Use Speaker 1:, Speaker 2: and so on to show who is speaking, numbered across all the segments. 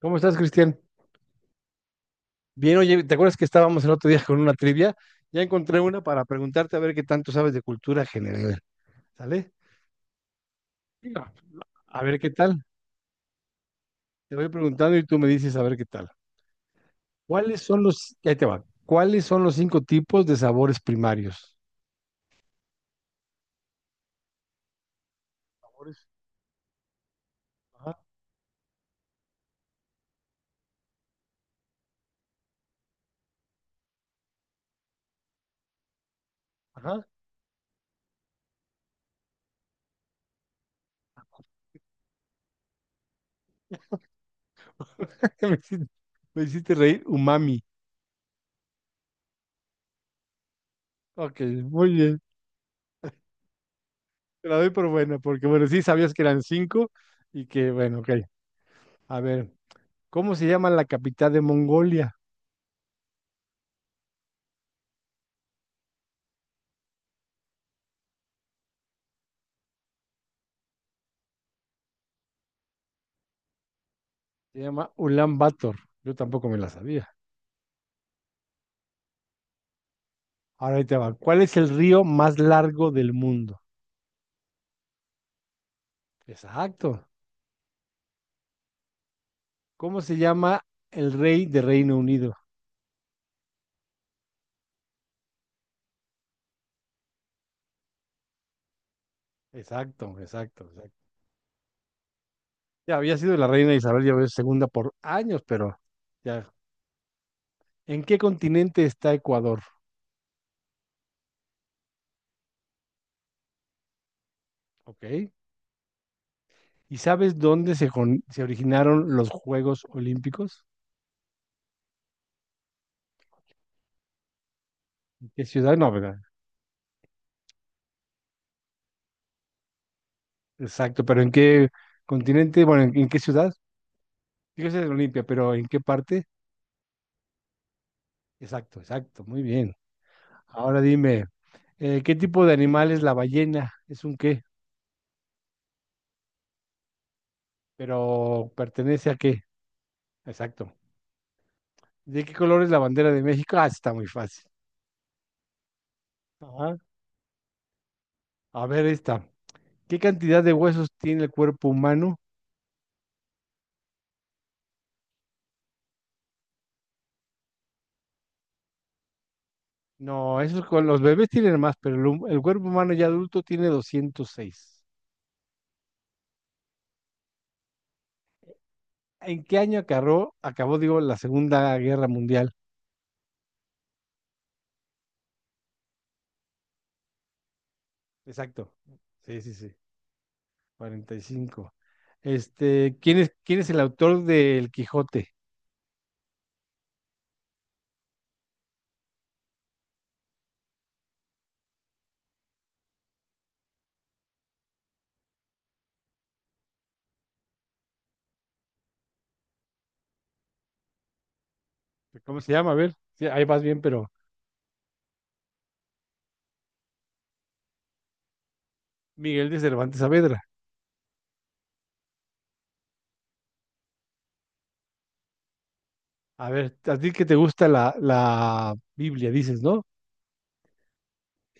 Speaker 1: ¿Cómo estás, Cristian? Bien, oye, ¿te acuerdas que estábamos el otro día con una trivia? Ya encontré una para preguntarte a ver qué tanto sabes de cultura general. ¿Sale? Venga. A ver qué tal. Te voy preguntando y tú me dices a ver qué tal. Ahí te va. ¿Cuáles son los cinco tipos de sabores primarios? Sabores. Ajá, ajá. Me hiciste, me hiciste reír. Umami. Ok, muy bien. Te la doy por buena, porque bueno, sí sabías que eran cinco y que, bueno, ok. A ver, ¿cómo se llama la capital de Mongolia? Se llama Ulan Bator. Yo tampoco me la sabía. Ahora ahí te va. ¿Cuál es el río más largo del mundo? Exacto. ¿Cómo se llama el rey de Reino Unido? Exacto, exacto, exacto. Ya había sido la reina Isabel ya ves, segunda por años, pero ya. ¿En qué continente está Ecuador? ¿Ok? ¿Y sabes dónde se originaron los Juegos Olímpicos? ¿En qué ciudad? No, ¿verdad? Exacto, pero ¿en qué continente? Bueno, ¿en qué ciudad? Fíjese en Olimpia, pero ¿en qué parte? Exacto, exacto, muy bien. Ahora dime, ¿qué tipo de animal es la ballena? ¿Es un qué? Pero ¿pertenece a qué? Exacto. ¿De qué color es la bandera de México? Ah, está muy fácil. Ajá. A ver esta. ¿Qué cantidad de huesos tiene el cuerpo humano? No, esos con los bebés tienen más, pero el cuerpo humano ya adulto tiene 206. ¿En qué año acabó, digo, la Segunda Guerra Mundial? Exacto. Sí, sí, sí. 45. Este, ¿quién es el autor del Quijote? ¿Cómo se llama? A ver, sí, ahí vas bien, pero Miguel de Cervantes Saavedra. A ver, a ti que te gusta la Biblia, dices, ¿no?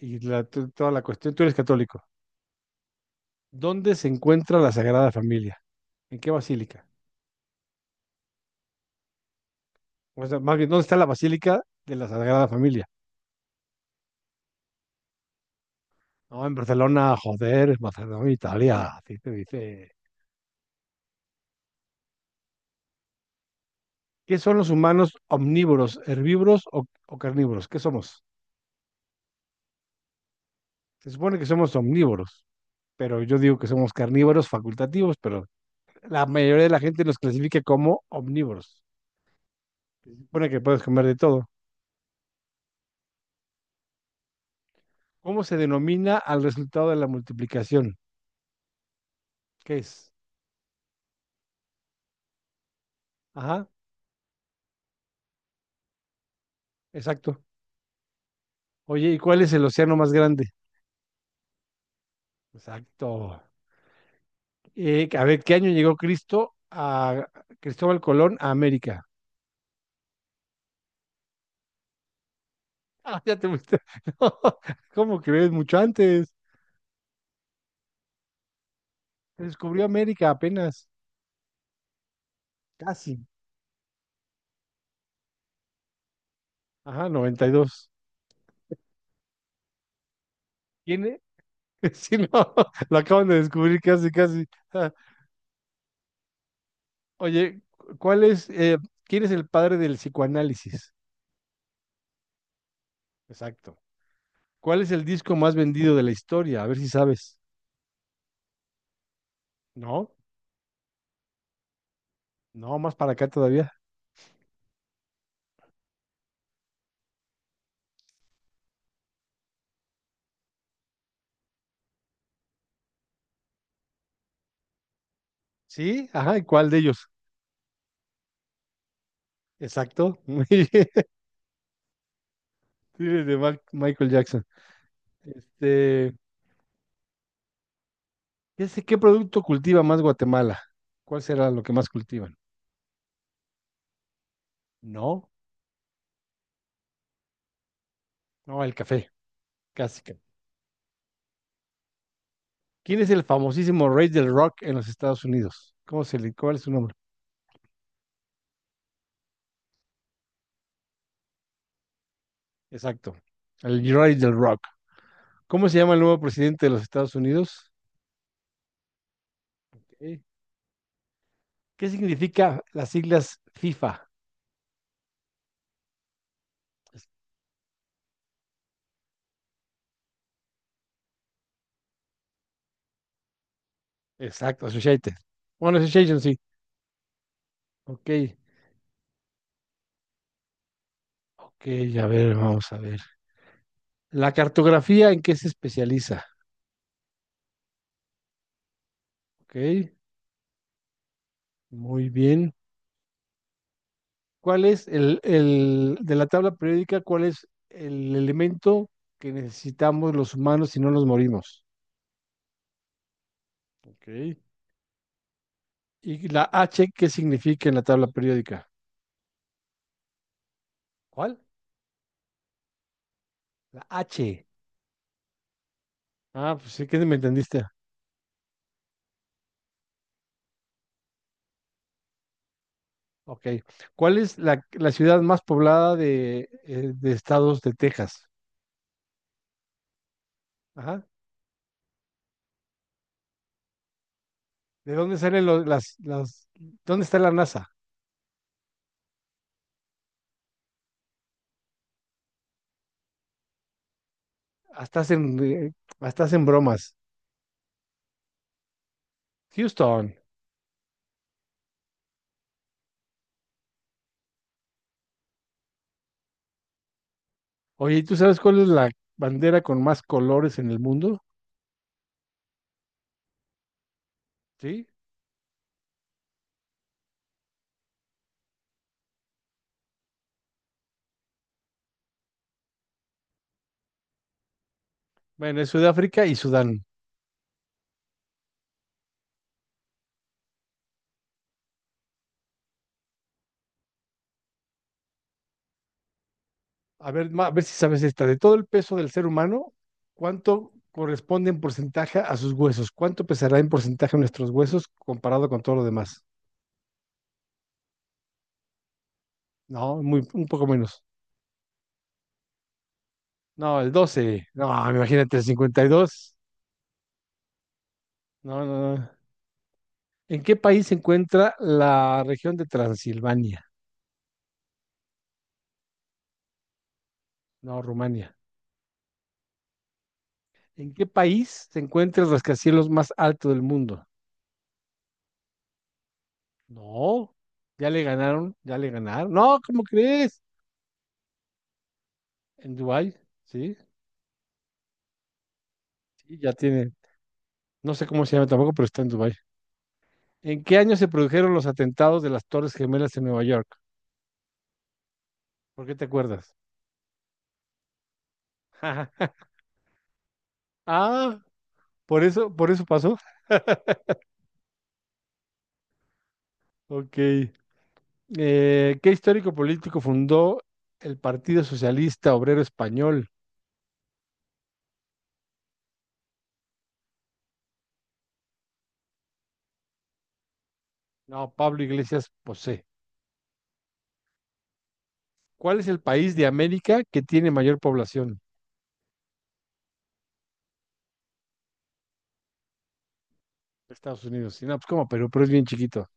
Speaker 1: Y toda la cuestión, tú eres católico. ¿Dónde se encuentra la Sagrada Familia? ¿En qué basílica? O sea, más bien, ¿dónde está la Basílica de la Sagrada Familia? No, en Barcelona, joder, en Barcelona, Italia, así te dice. ¿Qué son los humanos, omnívoros, herbívoros o carnívoros? ¿Qué somos? Se supone que somos omnívoros, pero yo digo que somos carnívoros facultativos, pero la mayoría de la gente los clasifica como omnívoros. Se supone que puedes comer de todo. ¿Cómo se denomina al resultado de la multiplicación? ¿Qué es? Ajá, exacto. Oye, ¿y cuál es el océano más grande? Exacto. A ver, ¿qué año llegó Cristo a Cristóbal Colón a América? Ah, ya te fuiste. No, ¿cómo crees? Mucho antes. Se descubrió América apenas. Casi. Ajá, 92. ¿Quién es? Sí, no, lo acaban de descubrir casi, casi. Oye, ¿quién es el padre del psicoanálisis? Exacto. ¿Cuál es el disco más vendido de la historia? A ver si sabes. No, no, más para acá todavía. Sí, ajá, ¿y cuál de ellos? Exacto. Muy bien. Sí, de Michael Jackson. Este, ya sé qué producto cultiva más Guatemala. ¿Cuál será lo que más cultivan? No, no, el café, casi que. ¿Quién es el famosísimo rey del rock en los Estados Unidos? ¿Cuál es su nombre? Exacto. El rey del rock. ¿Cómo se llama el nuevo presidente de los Estados Unidos? Ok. ¿Qué significa las siglas FIFA? Exacto, Associated. Bueno, Association, sí. Ok, ok, a ver, vamos a ver. La cartografía, ¿en qué se especializa? Ok, muy bien. ¿Cuál es el de la tabla periódica, cuál es el elemento que necesitamos los humanos si no nos morimos? Ok. ¿Y la H qué significa en la tabla periódica? ¿Cuál? La H. Ah, pues sí que me entendiste. Ok. ¿Cuál es la ciudad más poblada de estados de Texas? Ajá. ¿De dónde salen dónde está la NASA? Hasta hacen, eh, hasta hacen bromas. Houston. Oye, ¿y tú sabes cuál es la bandera con más colores en el mundo? Sí. Bueno, es Sudáfrica y Sudán. A ver, a ver si sabes esta. De todo el peso del ser humano, ¿cuánto corresponde en porcentaje a sus huesos? ¿Cuánto pesará en porcentaje nuestros huesos comparado con todo lo demás? No, muy, un poco menos. No, el 12. No, imagínate, el 52. No, no, no. ¿En qué país se encuentra la región de Transilvania? No, Rumania. ¿En qué país se encuentra el rascacielos más alto del mundo? No, ya le ganaron, ya le ganaron. No, ¿cómo crees? En Dubái, sí, sí, ya tiene. No sé cómo se llama tampoco, pero está en Dubái. ¿En qué año se produjeron los atentados de las Torres Gemelas en Nueva York? ¿Por qué te acuerdas? Ah, por eso pasó. Ok. ¿Qué histórico político fundó el Partido Socialista Obrero Español? No, Pablo Iglesias Posé. ¿Cuál es el país de América que tiene mayor población? Estados Unidos. Y no, pues como Perú, pero es bien chiquito.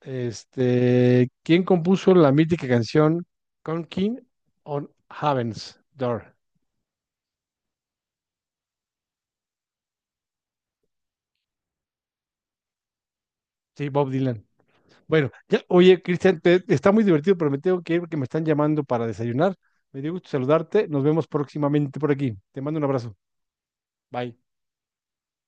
Speaker 1: Este, ¿quién compuso la mítica canción Conking on Heaven's Door? Sí, Bob Dylan. Bueno, ya, oye, Cristian, está muy divertido, pero me tengo que ir porque me están llamando para desayunar. Me dio gusto saludarte. Nos vemos próximamente por aquí. Te mando un abrazo. Bye.